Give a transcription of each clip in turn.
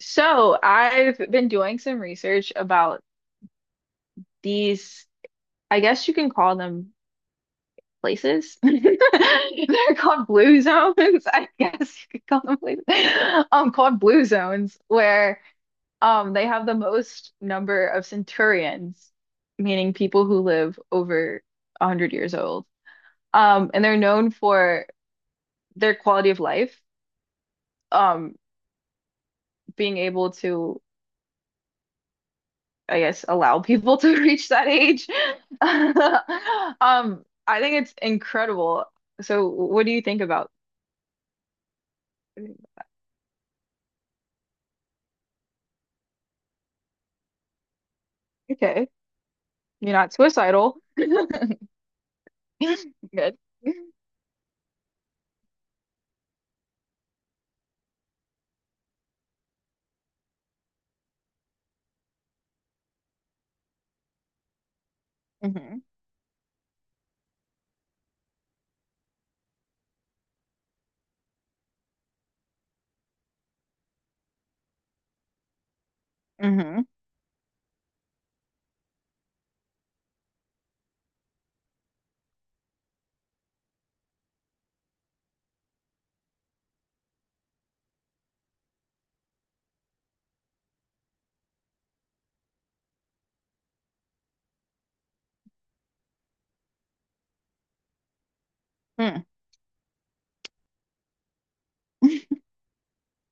So I've been doing some research about these, I guess you can call them places. They're called blue zones. I guess you could call them places. Called blue zones, where they have the most number of centurions, meaning people who live over 100 years old. And they're known for their quality of life, um, being able to, I guess, allow people to reach that age. I think it's incredible. So what do you think about? Okay, you're not suicidal. Good. hmm hmm hmm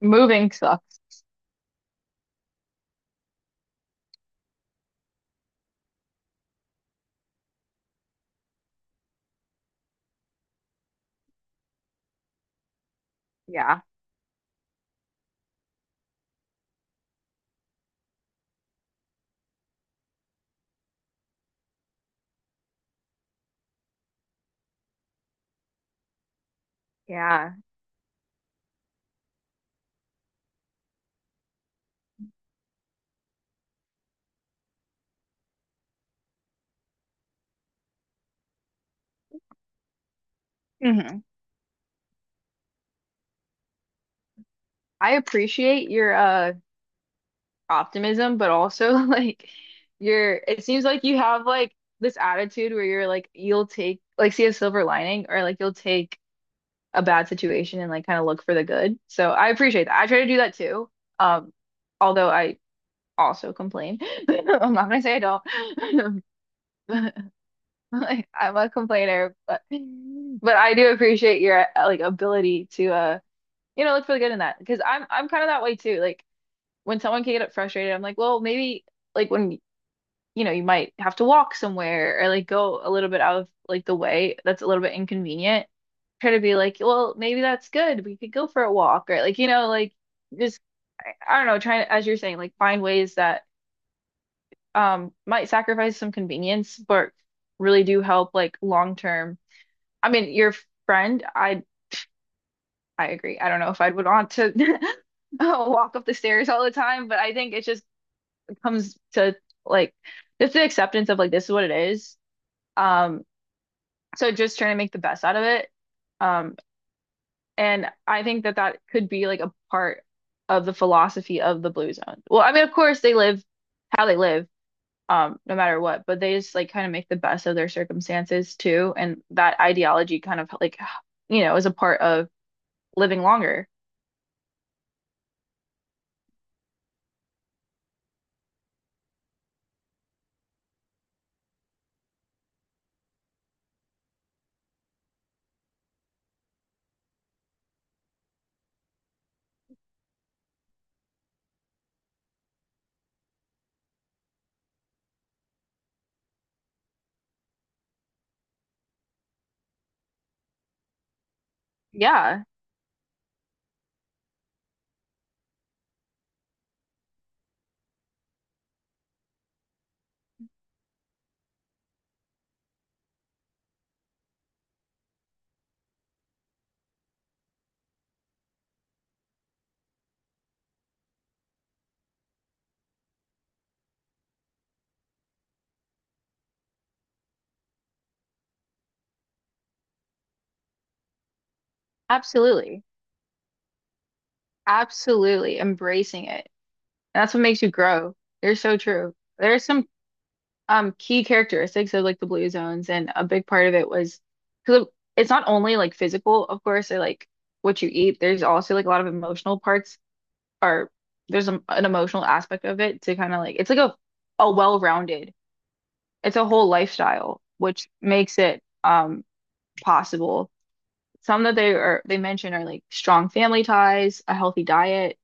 Moving sucks. Yeah, yeah. hmm I appreciate your optimism, but also, like, your it seems like you have like this attitude where you're like, you'll take, like, see a silver lining, or like you'll take a bad situation and like kind of look for the good. So I appreciate that. I try to do that too. Um, although I also complain. I'm not gonna say I don't. Like, I'm a complainer, but I do appreciate your like, ability to you know look for the good in that, because I'm kind of that way too. Like, when someone can get frustrated, I'm like, well, maybe, like, when you know, you might have to walk somewhere, or like go a little bit out of like the way that's a little bit inconvenient. Try to be like, well, maybe that's good. We could go for a walk, or like, you know, like, just, I don't know, trying to, as you're saying, like find ways that might sacrifice some convenience, but really do help like long term. I mean, your friend, I agree. I don't know if I'd would want to walk up the stairs all the time, but I think it just comes to, like, just the acceptance of like this is what it is. Um, so just trying to make the best out of it, um and I think that that could be like a part of the philosophy of the blue zone. Well, I mean, of course they live how they live, no matter what, but they just like kind of make the best of their circumstances too, and that ideology kind of like you know is a part of living longer. Yeah, absolutely. Absolutely embracing it, and that's what makes you grow. You're so true. There's some key characteristics of like the blue zones, and a big part of it was because it's not only like physical of course, or like what you eat. There's also like a lot of emotional parts are there's a, an emotional aspect of it, to kind of like, it's like a well-rounded, it's a whole lifestyle which makes it possible. Some that they are, they mention are like strong family ties, a healthy diet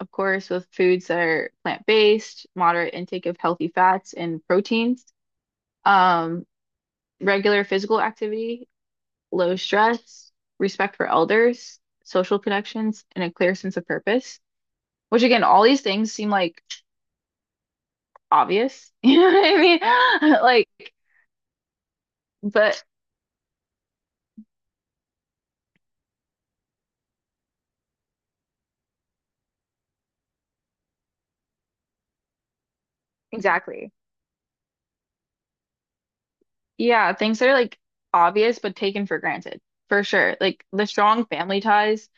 of course with foods that are plant-based, moderate intake of healthy fats and proteins, um regular physical activity, low stress, respect for elders, social connections, and a clear sense of purpose. Which, again, all these things seem like obvious. You know what I mean? Like, but exactly. Yeah, things that are like obvious but taken for granted, for sure. Like the strong family ties.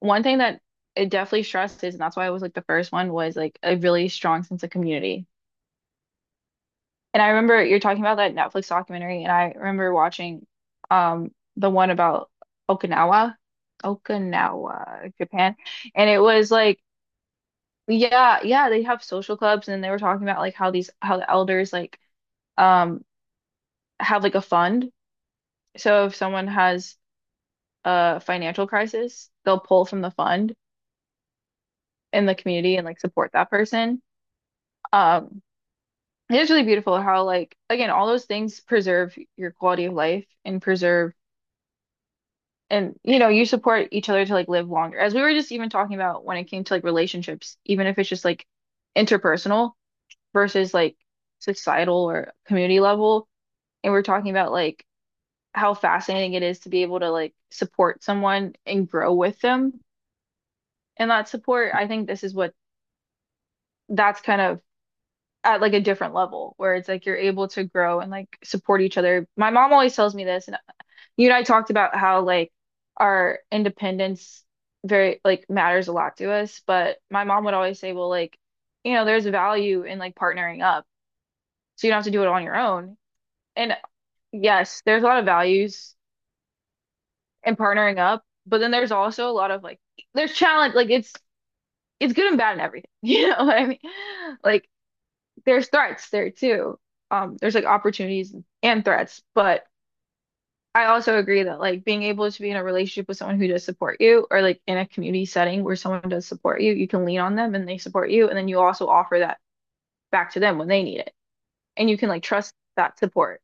One thing that it definitely stresses, and that's why it was like the first one, was like a really strong sense of community. And I remember you're talking about that Netflix documentary, and I remember watching the one about Okinawa, Okinawa, Japan. And it was like, yeah, yeah, they have social clubs, and they were talking about like how these, how the elders like um have like a fund. So if someone has a financial crisis, they'll pull from the fund in the community and like support that person. Um It is really beautiful how, like, again, all those things preserve your quality of life and preserve, and you know you support each other to like live longer, as we were just even talking about when it came to like relationships. Even if it's just like interpersonal versus like societal or community level, and we're talking about like how fascinating it is to be able to like support someone and grow with them, and that support, I think this is what, that's kind of at like a different level where it's like you're able to grow and like support each other. My mom always tells me this, and you and I talked about how like our independence, very like matters a lot to us, but my mom would always say, well, like, you know, there's value in like partnering up. So you don't have to do it on your own. And yes, there's a lot of values in partnering up, but then there's also a lot of like, there's challenge, like, it's good and bad and everything. You know what I mean? Like, there's threats there too. There's like opportunities and threats, but I also agree that like being able to be in a relationship with someone who does support you, or like in a community setting where someone does support you, you can lean on them and they support you, and then you also offer that back to them when they need it. And you can like trust that support.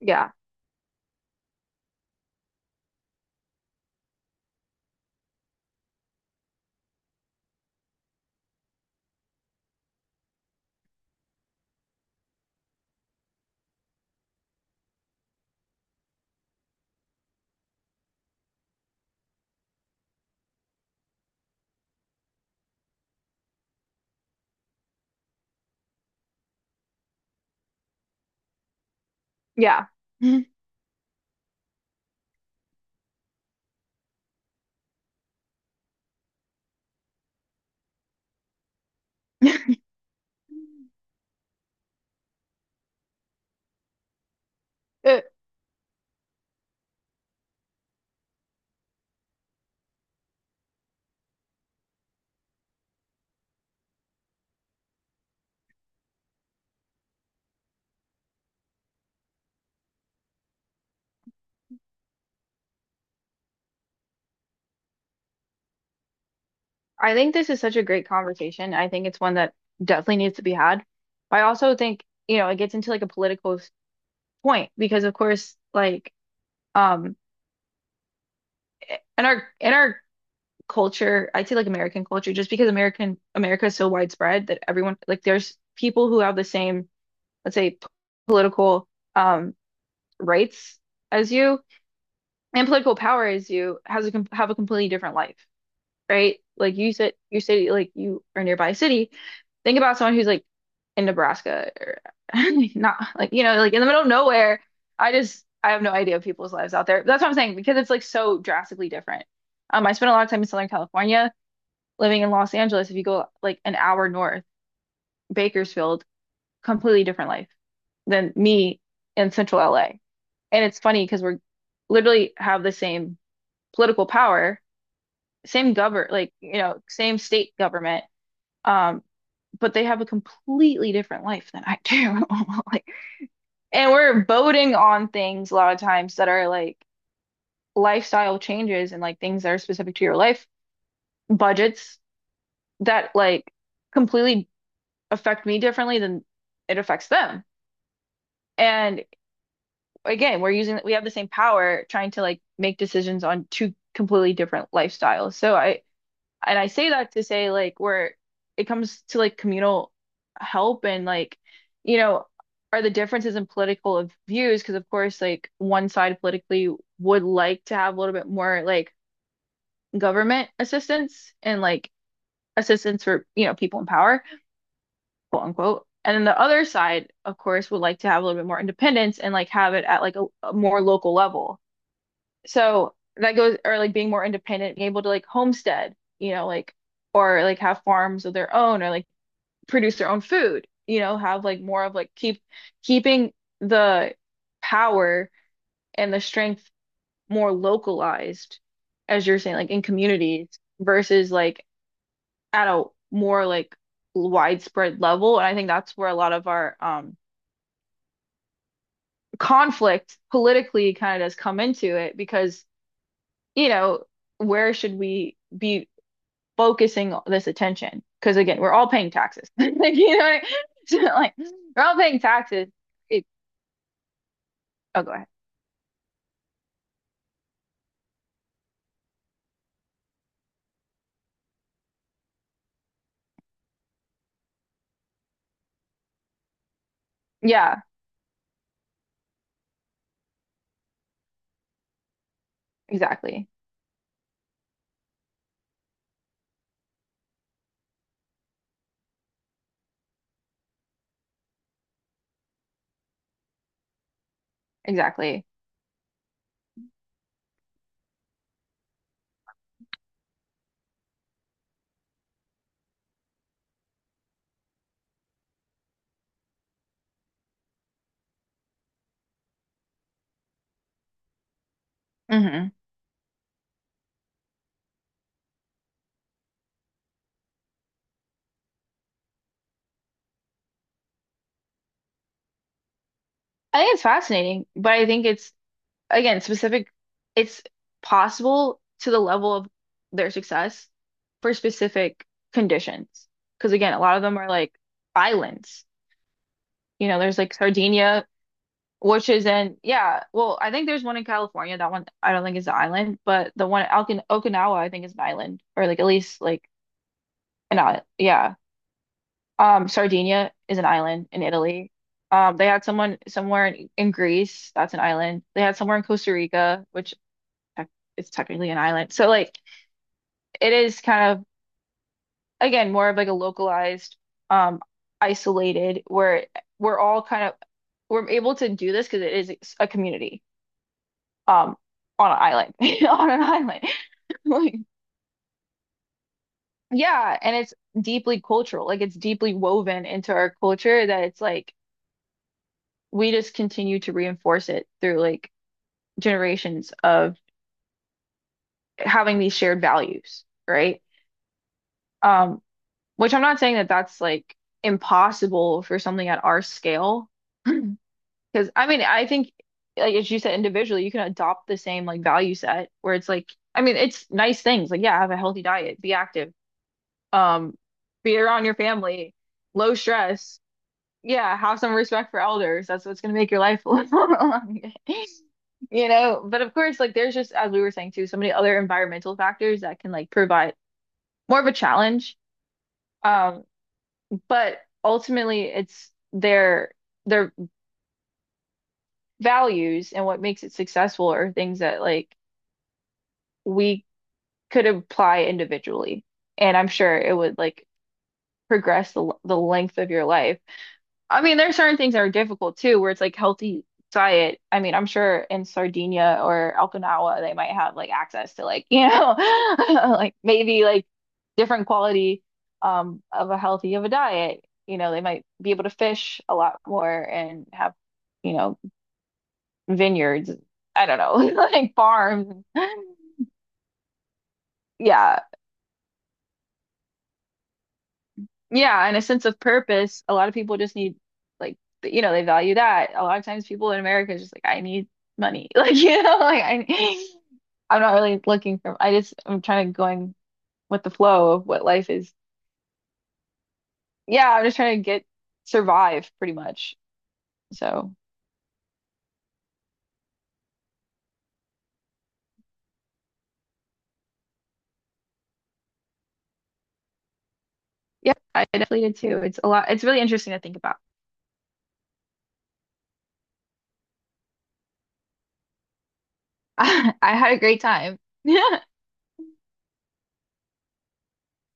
Yeah. Yeah. It- I think this is such a great conversation. I think it's one that definitely needs to be had. I also think, you know, it gets into like a political s- point, because of course like um in our, in our culture, I'd say like American culture, just because American, America is so widespread that everyone like, there's people who have the same, let's say, p- political um rights as you and political power as you, has a com, have a completely different life, right? Like you said, you say like you are nearby a city. Think about someone who's like in Nebraska, or not, like, you know, like in the middle of nowhere. I just, I have no idea of people's lives out there. That's what I'm saying, because it's like so drastically different. I spent a lot of time in Southern California, living in Los Angeles. If you go like an hour north, Bakersfield, completely different life than me in central LA. And it's funny because we're literally have the same political power, same govern, like, you know, same state government. Um, but they have a completely different life than I do. Like, and we're voting on things a lot of times that are like lifestyle changes and like things that are specific to your life, budgets, that like completely affect me differently than it affects them. And again, we're using, we have the same power trying to like make decisions on two completely different lifestyles. So I, and I say that to say like where it comes to like communal help and like, you know, are the differences in political of views, because of course like one side politically would like to have a little bit more like government assistance, and like assistance for you know people in power, quote unquote. And then the other side, of course, would like to have a little bit more independence and like have it at like a more local level. So that goes, or like being more independent, being able to like homestead, you know, like, or like have farms of their own, or like produce their own food, you know, have like more of like keep, keeping the power and the strength more localized, as you're saying, like in communities versus like at a more like widespread level. And I think that's where a lot of our conflict politically kind of does come into it, because, you know, where should we be focusing this attention? Because again, we're all paying taxes. Like, you know, what I- mean? So, like, we're all paying taxes. It, oh, go ahead. Yeah, exactly. Exactly. hmm I think it's fascinating, but I think it's, again, specific. It's possible to the level of their success for specific conditions. Because again, a lot of them are like islands. You know, there's like Sardinia, which is in, yeah, well, I think there's one in California. That one I don't think is an island, but the one in Okin, Okinawa, I think, is an island, or like at least like an island. Yeah. Sardinia is an island in Italy. They had someone somewhere in Greece, that's an island. They had somewhere in Costa Rica, which tec, is technically an island. So like, it is kind of, again, more of like a localized, um, isolated, where we're all kind of, we're able to do this because it is a community. um on an island on an island. Like, yeah, and it's deeply cultural, like it's deeply woven into our culture, that it's like we just continue to reinforce it through like generations of having these shared values, right? um which I'm not saying that that's like impossible for something at our scale, because I mean I think like as you said, individually you can adopt the same like value set, where it's like, I mean, it's nice things like, yeah, have a healthy diet, be active. Um, be around your family, low stress. Yeah, have some respect for elders. That's what's gonna make your life a little longer. You know, but of course, like there's, just as we were saying too, so many other environmental factors that can like provide more of a challenge. Um, but ultimately it's their values and what makes it successful are things that like we could apply individually. And I'm sure it would like progress the length of your life. I mean, there's certain things that are difficult too, where it's like healthy diet. I mean, I'm sure in Sardinia or Okinawa, they might have like access to like, you know, like maybe like different quality of a healthy, of a diet. You know, they might be able to fish a lot more and have, you know, vineyards. I don't know, like farms. Yeah. Yeah, and a sense of purpose. A lot of people just need, like, th- you know, they value that. A lot of times people in America is just like, I need money. Like, you know, like, I, I'm not really looking for, I just, I'm trying to going with the flow of what life is. Yeah, I'm just trying to get, survive pretty much. So, yeah, I definitely did too. It's a lot, it's really interesting to think about. I had a great time.